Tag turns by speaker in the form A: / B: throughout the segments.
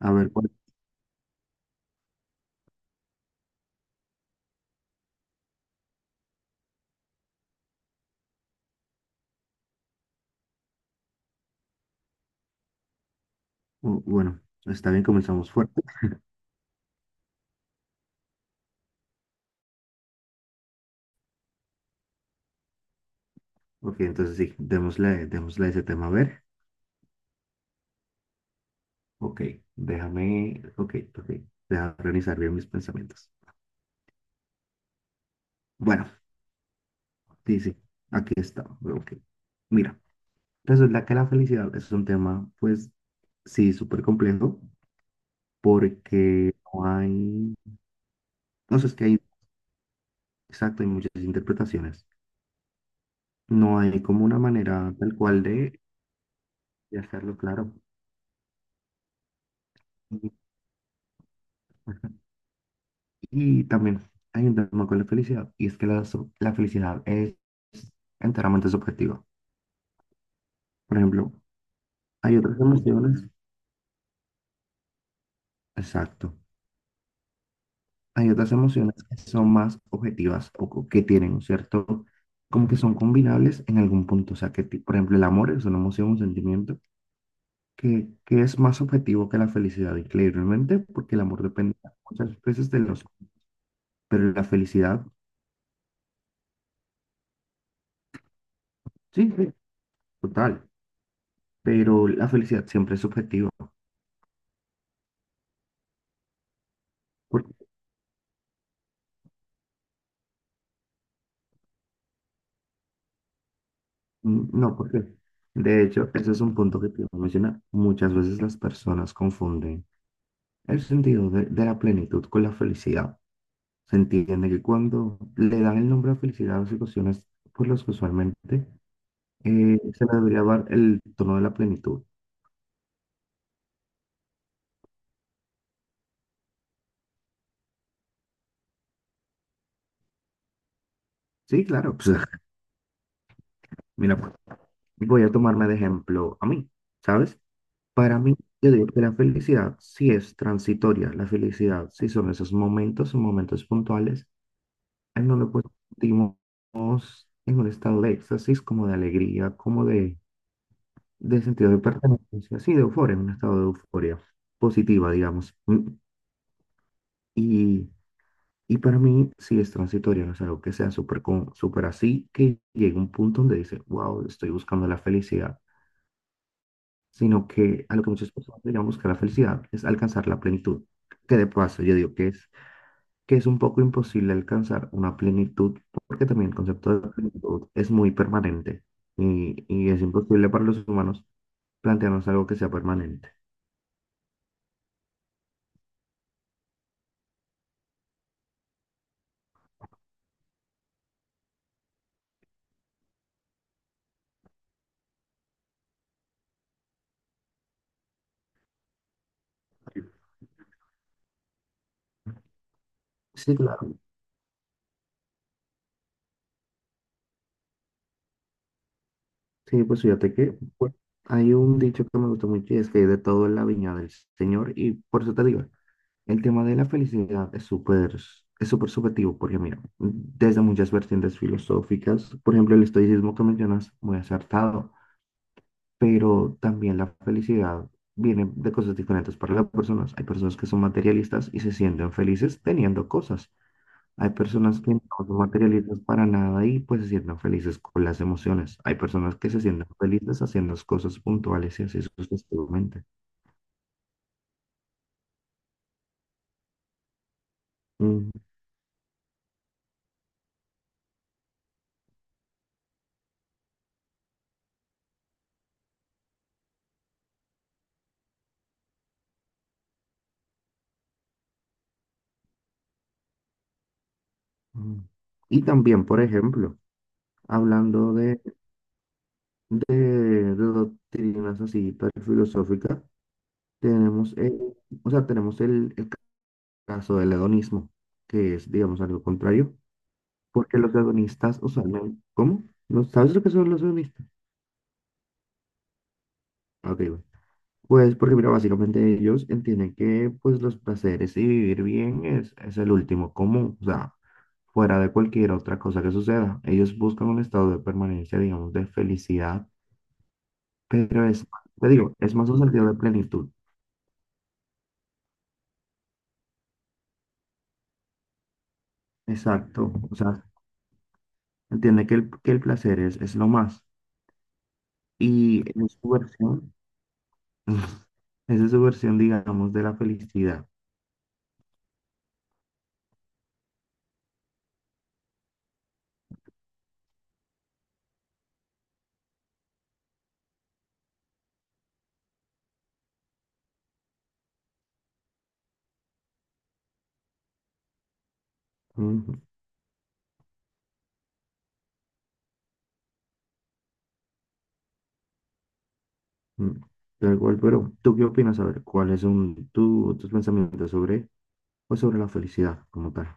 A: A ver, bueno, está bien, comenzamos fuerte. Ok, entonces sí, démosle, démosle a ese tema a ver. Ok, déjame, ok, ok, déjame organizar bien mis pensamientos. Bueno, sí, sí, aquí está. Ok, mira, resulta que la felicidad es un tema, pues, sí, súper complejo, porque no hay, no sé, es que hay, exacto, hay muchas interpretaciones. No hay como una manera tal cual de hacerlo claro. Y también hay un tema con la felicidad, y es que la felicidad es enteramente subjetiva. Por ejemplo, hay otras emociones, exacto, hay otras emociones que son más objetivas o que tienen un cierto, como que son combinables en algún punto. O sea, por ejemplo, el amor es una emoción, un sentimiento que es más objetivo que la felicidad, increíblemente, porque el amor depende muchas veces de los, pero la felicidad, sí, sí, total, pero la felicidad siempre es subjetiva. Mm, no, porque de hecho, ese es un punto que te iba a mencionar. Muchas veces las personas confunden el sentido de la plenitud con la felicidad. Se entiende que cuando le dan el nombre a felicidad a las situaciones por las que usualmente se le debería dar el tono de la plenitud. Sí, claro, pues mira, pues, voy a tomarme de ejemplo a mí, ¿sabes? Para mí, yo digo que la felicidad sí es transitoria, la felicidad sí son esos momentos, son momentos puntuales. No lo sentimos en un estado de éxtasis, como de alegría, como de sentido de pertenencia, sí, de euforia, un estado de euforia positiva, digamos. Mm, Y, y para mí sí es transitorio, no es algo que sea súper súper así, que llegue un punto donde dice, wow, estoy buscando la felicidad, sino que a lo que muchas personas le llaman buscar la felicidad es alcanzar la plenitud, que de paso yo digo que es un poco imposible alcanzar una plenitud, porque también el concepto de plenitud es muy permanente y es imposible para los humanos plantearnos algo que sea permanente. Sí, claro. Sí, pues fíjate que bueno, hay un dicho que me gusta mucho y es que hay de todo en la viña del Señor y por eso te digo, el tema de la felicidad es súper subjetivo porque mira, desde muchas vertientes filosóficas, por ejemplo, el estoicismo que mencionas, muy acertado. Pero también la felicidad viene de cosas diferentes para las personas. Hay personas que son materialistas y se sienten felices teniendo cosas. Hay personas que no son materialistas para nada y pues se sienten felices con las emociones. Hay personas que se sienten felices haciendo las cosas puntuales y así sucesivamente. Mm, mm. Y también, por ejemplo, hablando de, de doctrinas así, tal filosófica, tenemos, el- o sea, tenemos el caso del hedonismo, que es, digamos, algo contrario, porque los hedonistas usualmente, ¿cómo? ¿No sabes lo que son los hedonistas? Ah, ok, bueno. Pues porque, mira, básicamente ellos entienden que, pues, los placeres y vivir bien es el último común, o sea, fuera de cualquier otra cosa que suceda. Ellos buscan un estado de permanencia, digamos, de felicidad, pero es, te digo, es más un sentido de plenitud. Exacto, o sea, entiende que que el placer es lo más. Y en su versión, esa es su versión, digamos, de la felicidad. Ujú, ujú. Tal cual, pero ¿tú qué opinas? A ver, ¿cuáles son tus pensamientos sobre, pues, sobre la felicidad como tal?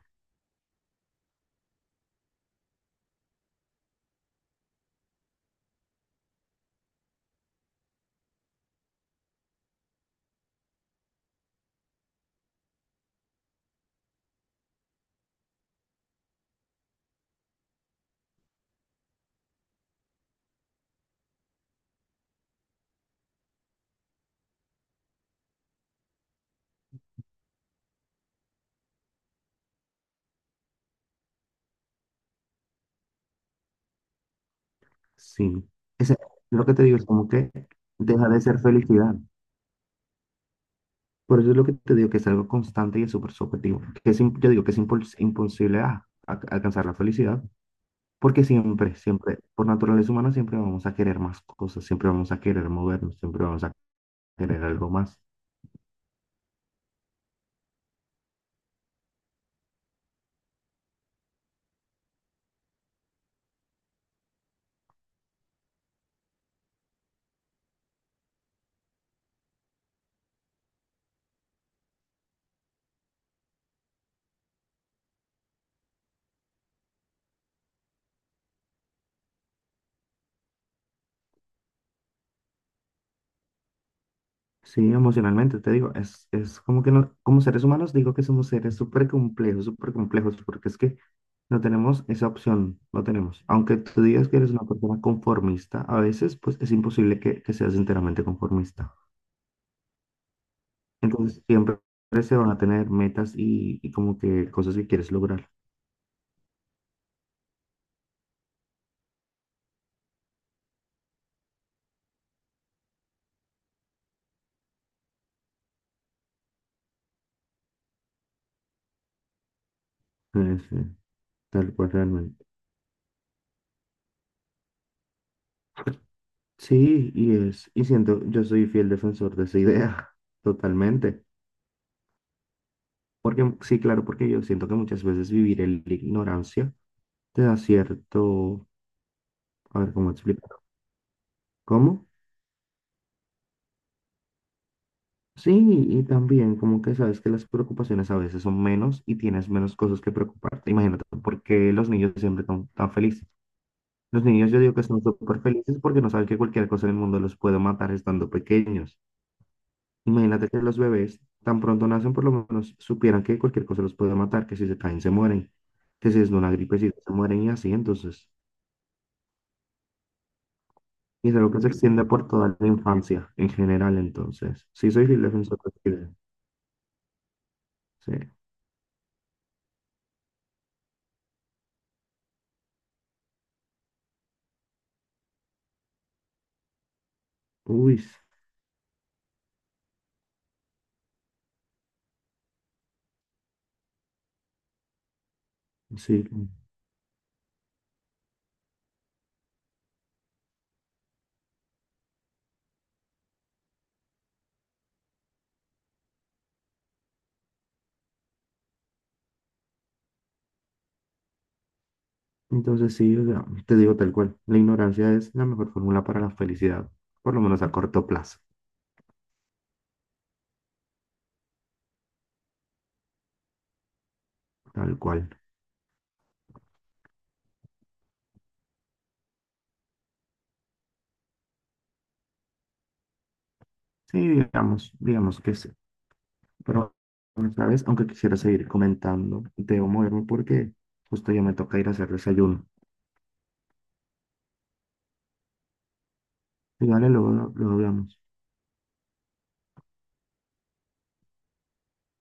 A: Sí. Ese- lo que te digo es como que deja de ser felicidad. Por eso es lo que te digo, que es algo constante y es súper subjetivo. Yo digo que es imposible alcanzar la felicidad, porque siempre, siempre, por naturaleza humana, siempre vamos a querer más cosas, siempre vamos a querer movernos, siempre vamos a querer algo más. Sí, emocionalmente, te digo, es como que no, como seres humanos digo que somos seres súper complejos, porque es que no tenemos esa opción, no tenemos. Aunque tú digas que eres una persona conformista, a veces pues es imposible que seas enteramente conformista. Entonces siempre se van a tener metas y como que cosas que quieres lograr. Sí, tal cual realmente. Sí, y siento, yo soy fiel defensor de esa idea, totalmente. Porque sí, claro, porque yo siento que muchas veces vivir en la ignorancia te da cierto, a ver cómo explicar, ¿cómo? Sí, y también como que sabes que las preocupaciones a veces son menos y tienes menos cosas que preocuparte. Imagínate, porque los niños siempre son tan felices. Los niños yo digo que son súper felices porque no saben que cualquier cosa en el mundo los puede matar estando pequeños. Imagínate que los bebés tan pronto nacen por lo menos supieran que cualquier cosa los puede matar, que si se caen se mueren, que si es de una gripecita se mueren y así, entonces. Y es algo que se extiende por toda la infancia, en general, entonces. Sí, soy fiel defensor del. Sí. Uy, sí. Entonces, sí, o sea, te digo tal cual. La ignorancia es la mejor fórmula para la felicidad, por lo menos a corto plazo, tal cual. Sí, digamos, digamos que sí. Pero, ¿sabes? Aunque quisiera seguir comentando, debo moverme porque justo ya me toca ir a hacer desayuno. Y vale, luego, luego hablamos.